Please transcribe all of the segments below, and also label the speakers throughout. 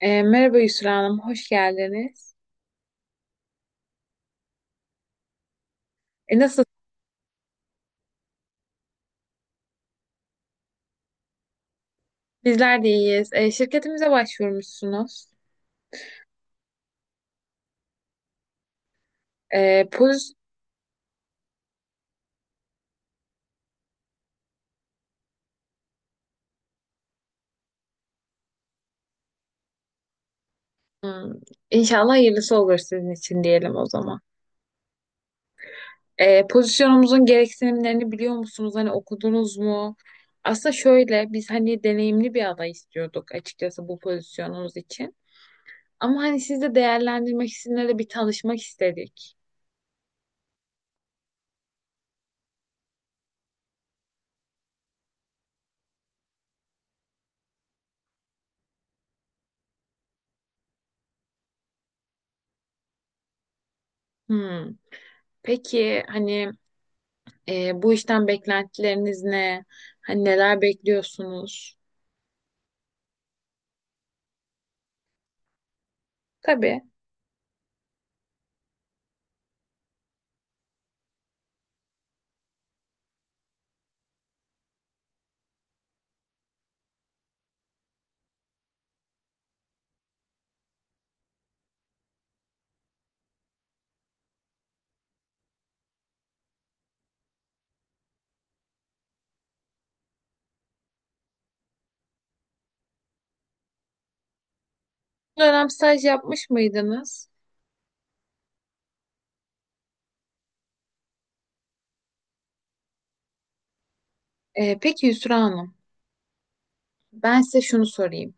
Speaker 1: Merhaba Yusra Hanım, hoş geldiniz. Nasıl? Bizler de iyiyiz. Şirketimize başvurmuşsunuz. E, poz Hmm, İnşallah hayırlısı olur sizin için diyelim o zaman. Pozisyonumuzun gereksinimlerini biliyor musunuz? Hani okudunuz mu? Aslında şöyle, biz hani deneyimli bir aday istiyorduk açıkçası bu pozisyonumuz için. Ama hani siz de değerlendirmek, sizinle de bir tanışmak istedik. Hmm. Peki, hani, bu işten beklentileriniz ne? Hani neler bekliyorsunuz? Tabii. Bu dönem staj yapmış mıydınız? Peki Yusra Hanım, ben size şunu sorayım.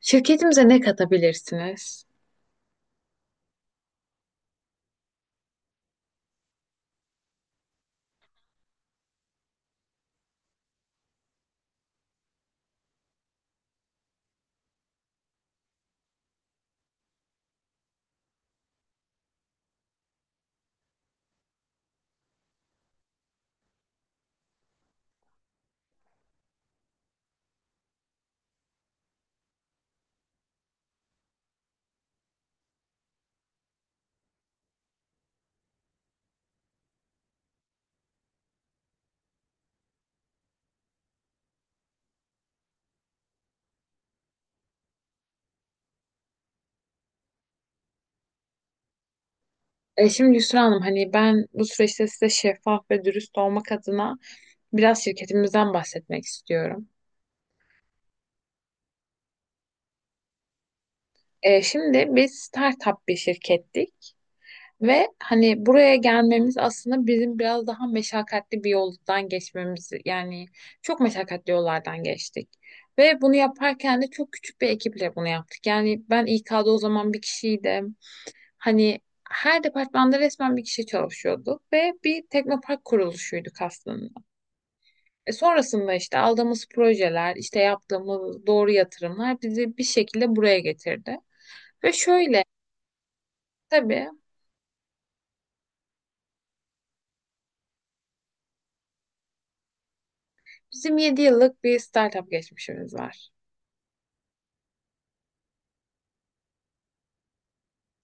Speaker 1: Şirketimize ne katabilirsiniz? Şimdi Yusra Hanım, hani ben bu süreçte size şeffaf ve dürüst olmak adına biraz şirketimizden bahsetmek istiyorum. Şimdi biz startup bir şirkettik. Ve hani buraya gelmemiz aslında bizim biraz daha meşakkatli bir yoldan geçmemiz, yani çok meşakkatli yollardan geçtik. Ve bunu yaparken de çok küçük bir ekiple bunu yaptık. Yani ben İK'da o zaman bir kişiydim. Hani her departmanda resmen bir kişi çalışıyordu ve bir teknopark kuruluşuyduk aslında. Sonrasında işte aldığımız projeler, işte yaptığımız doğru yatırımlar bizi bir şekilde buraya getirdi. Ve şöyle, tabii, bizim 7 yıllık bir startup geçmişimiz var.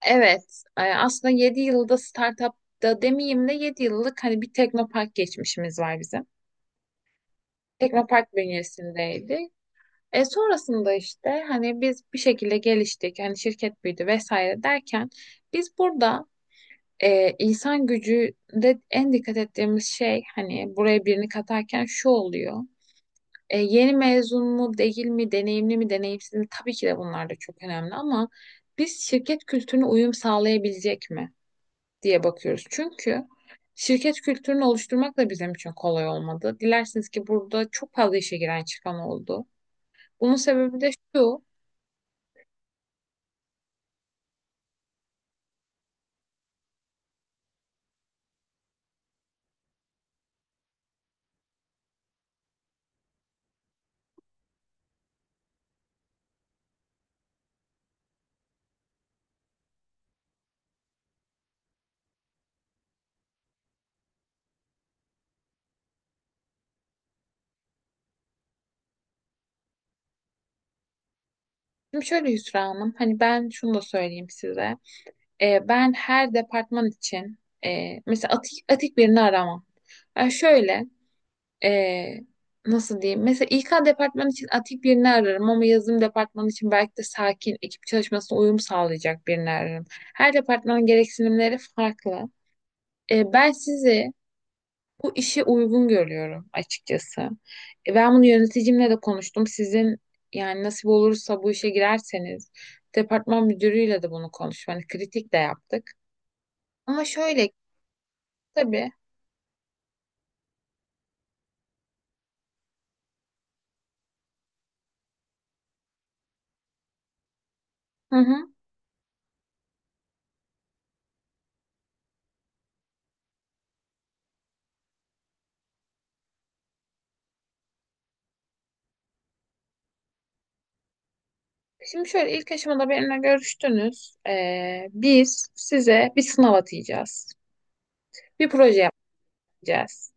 Speaker 1: Evet, aslında 7 yılda startupta demeyeyim de 7 yıllık hani bir teknopark geçmişimiz var bizim. Teknopark bünyesindeydi. Sonrasında işte hani biz bir şekilde geliştik, hani şirket büyüdü vesaire derken biz burada insan gücünde en dikkat ettiğimiz şey hani buraya birini katarken şu oluyor. Yeni mezun mu değil mi, deneyimli mi deneyimsiz mi, tabii ki de bunlar da çok önemli ama biz şirket kültürüne uyum sağlayabilecek mi diye bakıyoruz. Çünkü şirket kültürünü oluşturmak da bizim için kolay olmadı. Dilersiniz ki burada çok fazla işe giren çıkan oldu. Bunun sebebi de şu. Şimdi şöyle Hüsra Hanım, hani ben şunu da söyleyeyim size. Ben her departman için mesela atik birini aramam. Yani şöyle, e, nasıl diyeyim? Mesela İK departmanı için atik birini ararım ama yazılım departmanı için belki de sakin, ekip çalışmasına uyum sağlayacak birini ararım. Her departmanın gereksinimleri farklı. Ben sizi bu işe uygun görüyorum açıkçası. Ben bunu yöneticimle de konuştum. Sizin, yani nasip olursa bu işe girerseniz, departman müdürüyle de bunu konuştum. Hani kritik de yaptık. Ama şöyle, tabii. Hı hı. Şimdi şöyle, ilk aşamada benimle görüştünüz. Biz size bir sınav atayacağız. Bir proje yapacağız.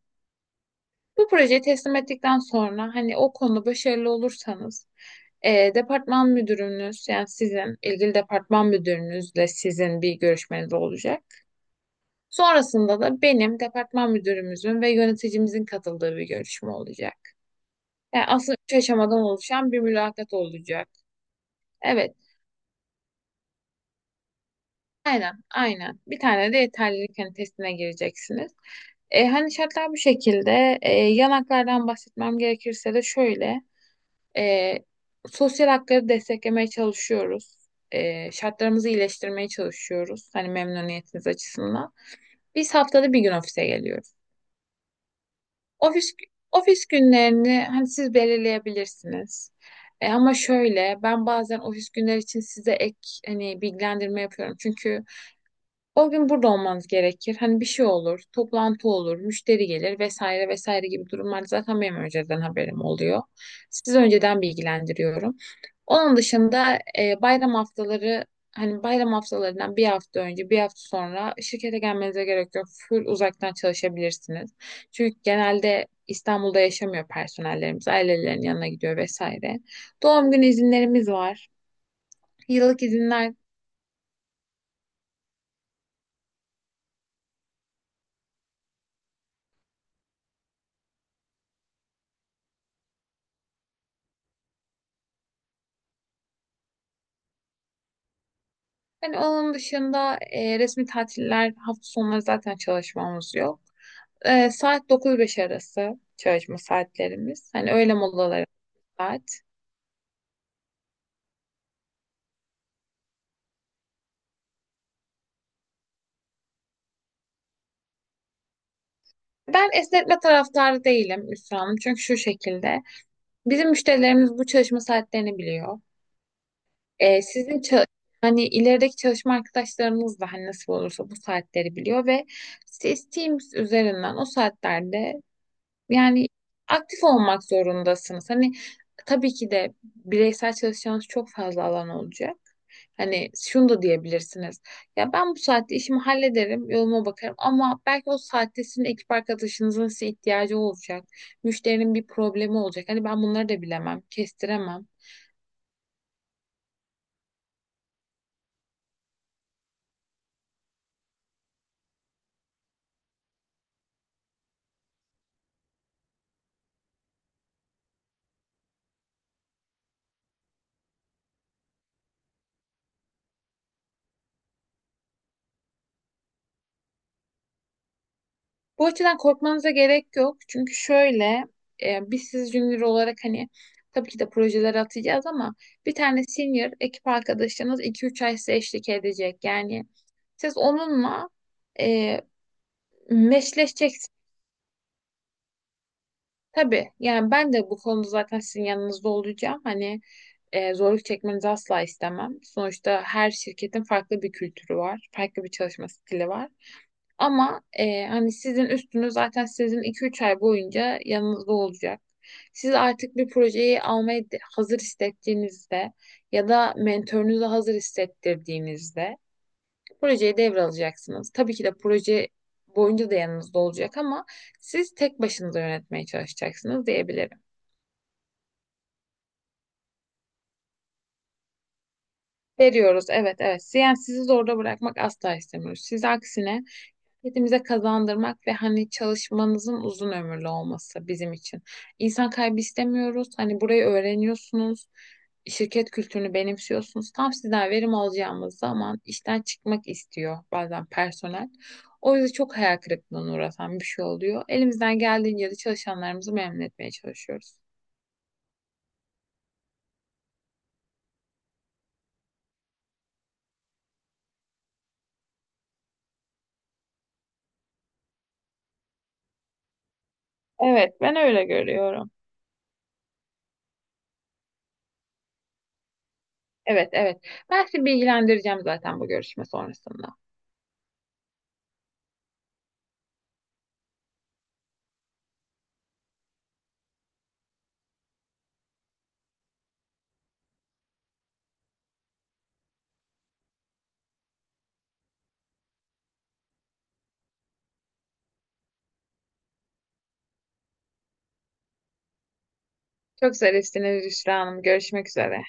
Speaker 1: Bu projeyi teslim ettikten sonra hani o konuda başarılı olursanız, departman müdürünüz, yani sizin ilgili departman müdürünüzle sizin bir görüşmeniz olacak. Sonrasında da benim departman müdürümüzün ve yöneticimizin katıldığı bir görüşme olacak. Yani aslında 3 aşamadan oluşan bir mülakat olacak. Evet, aynen, aynen. Bir tane de yeterlilik hani testine gireceksiniz. Hani şartlar bu şekilde. Yanaklardan bahsetmem gerekirse de şöyle. E, Sosyal hakları desteklemeye çalışıyoruz. Şartlarımızı iyileştirmeye çalışıyoruz. Hani memnuniyetiniz açısından. Biz haftada bir gün ofise geliyoruz. Ofis ofis günlerini hani siz belirleyebilirsiniz. Ama şöyle, ben bazen ofis günleri için size ek hani bilgilendirme yapıyorum. Çünkü o gün burada olmanız gerekir. Hani bir şey olur, toplantı olur, müşteri gelir vesaire vesaire gibi durumlar zaten benim önceden haberim oluyor. Sizi önceden bilgilendiriyorum. Onun dışında bayram haftaları, hani bayram haftalarından bir hafta önce bir hafta sonra şirkete gelmenize gerek yok. Full uzaktan çalışabilirsiniz. Çünkü genelde İstanbul'da yaşamıyor personellerimiz. Ailelerinin yanına gidiyor vesaire. Doğum günü izinlerimiz var. Yıllık izinler. Hani onun dışında resmi tatiller, hafta sonları zaten çalışmamız yok. Saat 9-5 arası çalışma saatlerimiz. Hani öğle molaları saat. Ben esnetme taraftarı değilim Hüsnü Hanım. Çünkü şu şekilde, bizim müşterilerimiz bu çalışma saatlerini biliyor. E, sizin ça- Hani ilerideki çalışma arkadaşlarınız da hani nasıl olursa bu saatleri biliyor ve siz Teams üzerinden o saatlerde... Yani aktif olmak zorundasınız. Hani tabii ki de bireysel çalışacağınız çok fazla alan olacak. Hani şunu da diyebilirsiniz. Ya ben bu saatte işimi hallederim, yoluma bakarım ama belki o saatte sizin ekip arkadaşınızın size ihtiyacı olacak. Müşterinin bir problemi olacak. Hani ben bunları da bilemem, kestiremem. Bu açıdan korkmanıza gerek yok. Çünkü şöyle, biz siz junior olarak hani tabii ki de projelere atacağız ama bir tane senior ekip arkadaşınız 2-3 ay size eşlik edecek. Yani siz onunla e, meşleşeceksiniz. Tabii yani ben de bu konuda zaten sizin yanınızda olacağım. Hani zorluk çekmenizi asla istemem. Sonuçta her şirketin farklı bir kültürü var, farklı bir çalışma stili var. Ama hani sizin üstünüz zaten sizin 2-3 ay boyunca yanınızda olacak. Siz artık bir projeyi almaya hazır hissettiğinizde ya da mentorunuza hazır hissettirdiğinizde projeyi devralacaksınız. Tabii ki de proje boyunca da yanınızda olacak ama siz tek başınıza yönetmeye çalışacaksınız diyebilirim. Veriyoruz, evet, evet. Yani sizi zorda bırakmak asla istemiyoruz. Siz aksine... Kendimize kazandırmak ve hani çalışmanızın uzun ömürlü olması bizim için. İnsan kaybı istemiyoruz. Hani burayı öğreniyorsunuz. Şirket kültürünü benimsiyorsunuz. Tam sizden verim alacağımız zaman işten çıkmak istiyor bazen personel. O yüzden çok hayal kırıklığına uğratan bir şey oluyor. Elimizden geldiğince de çalışanlarımızı memnun etmeye çalışıyoruz. Evet, ben öyle görüyorum. Evet, evet. Ben sizi bilgilendireceğim zaten bu görüşme sonrasında. Çok zarifsiniz Hüsra Hanım. Görüşmek üzere.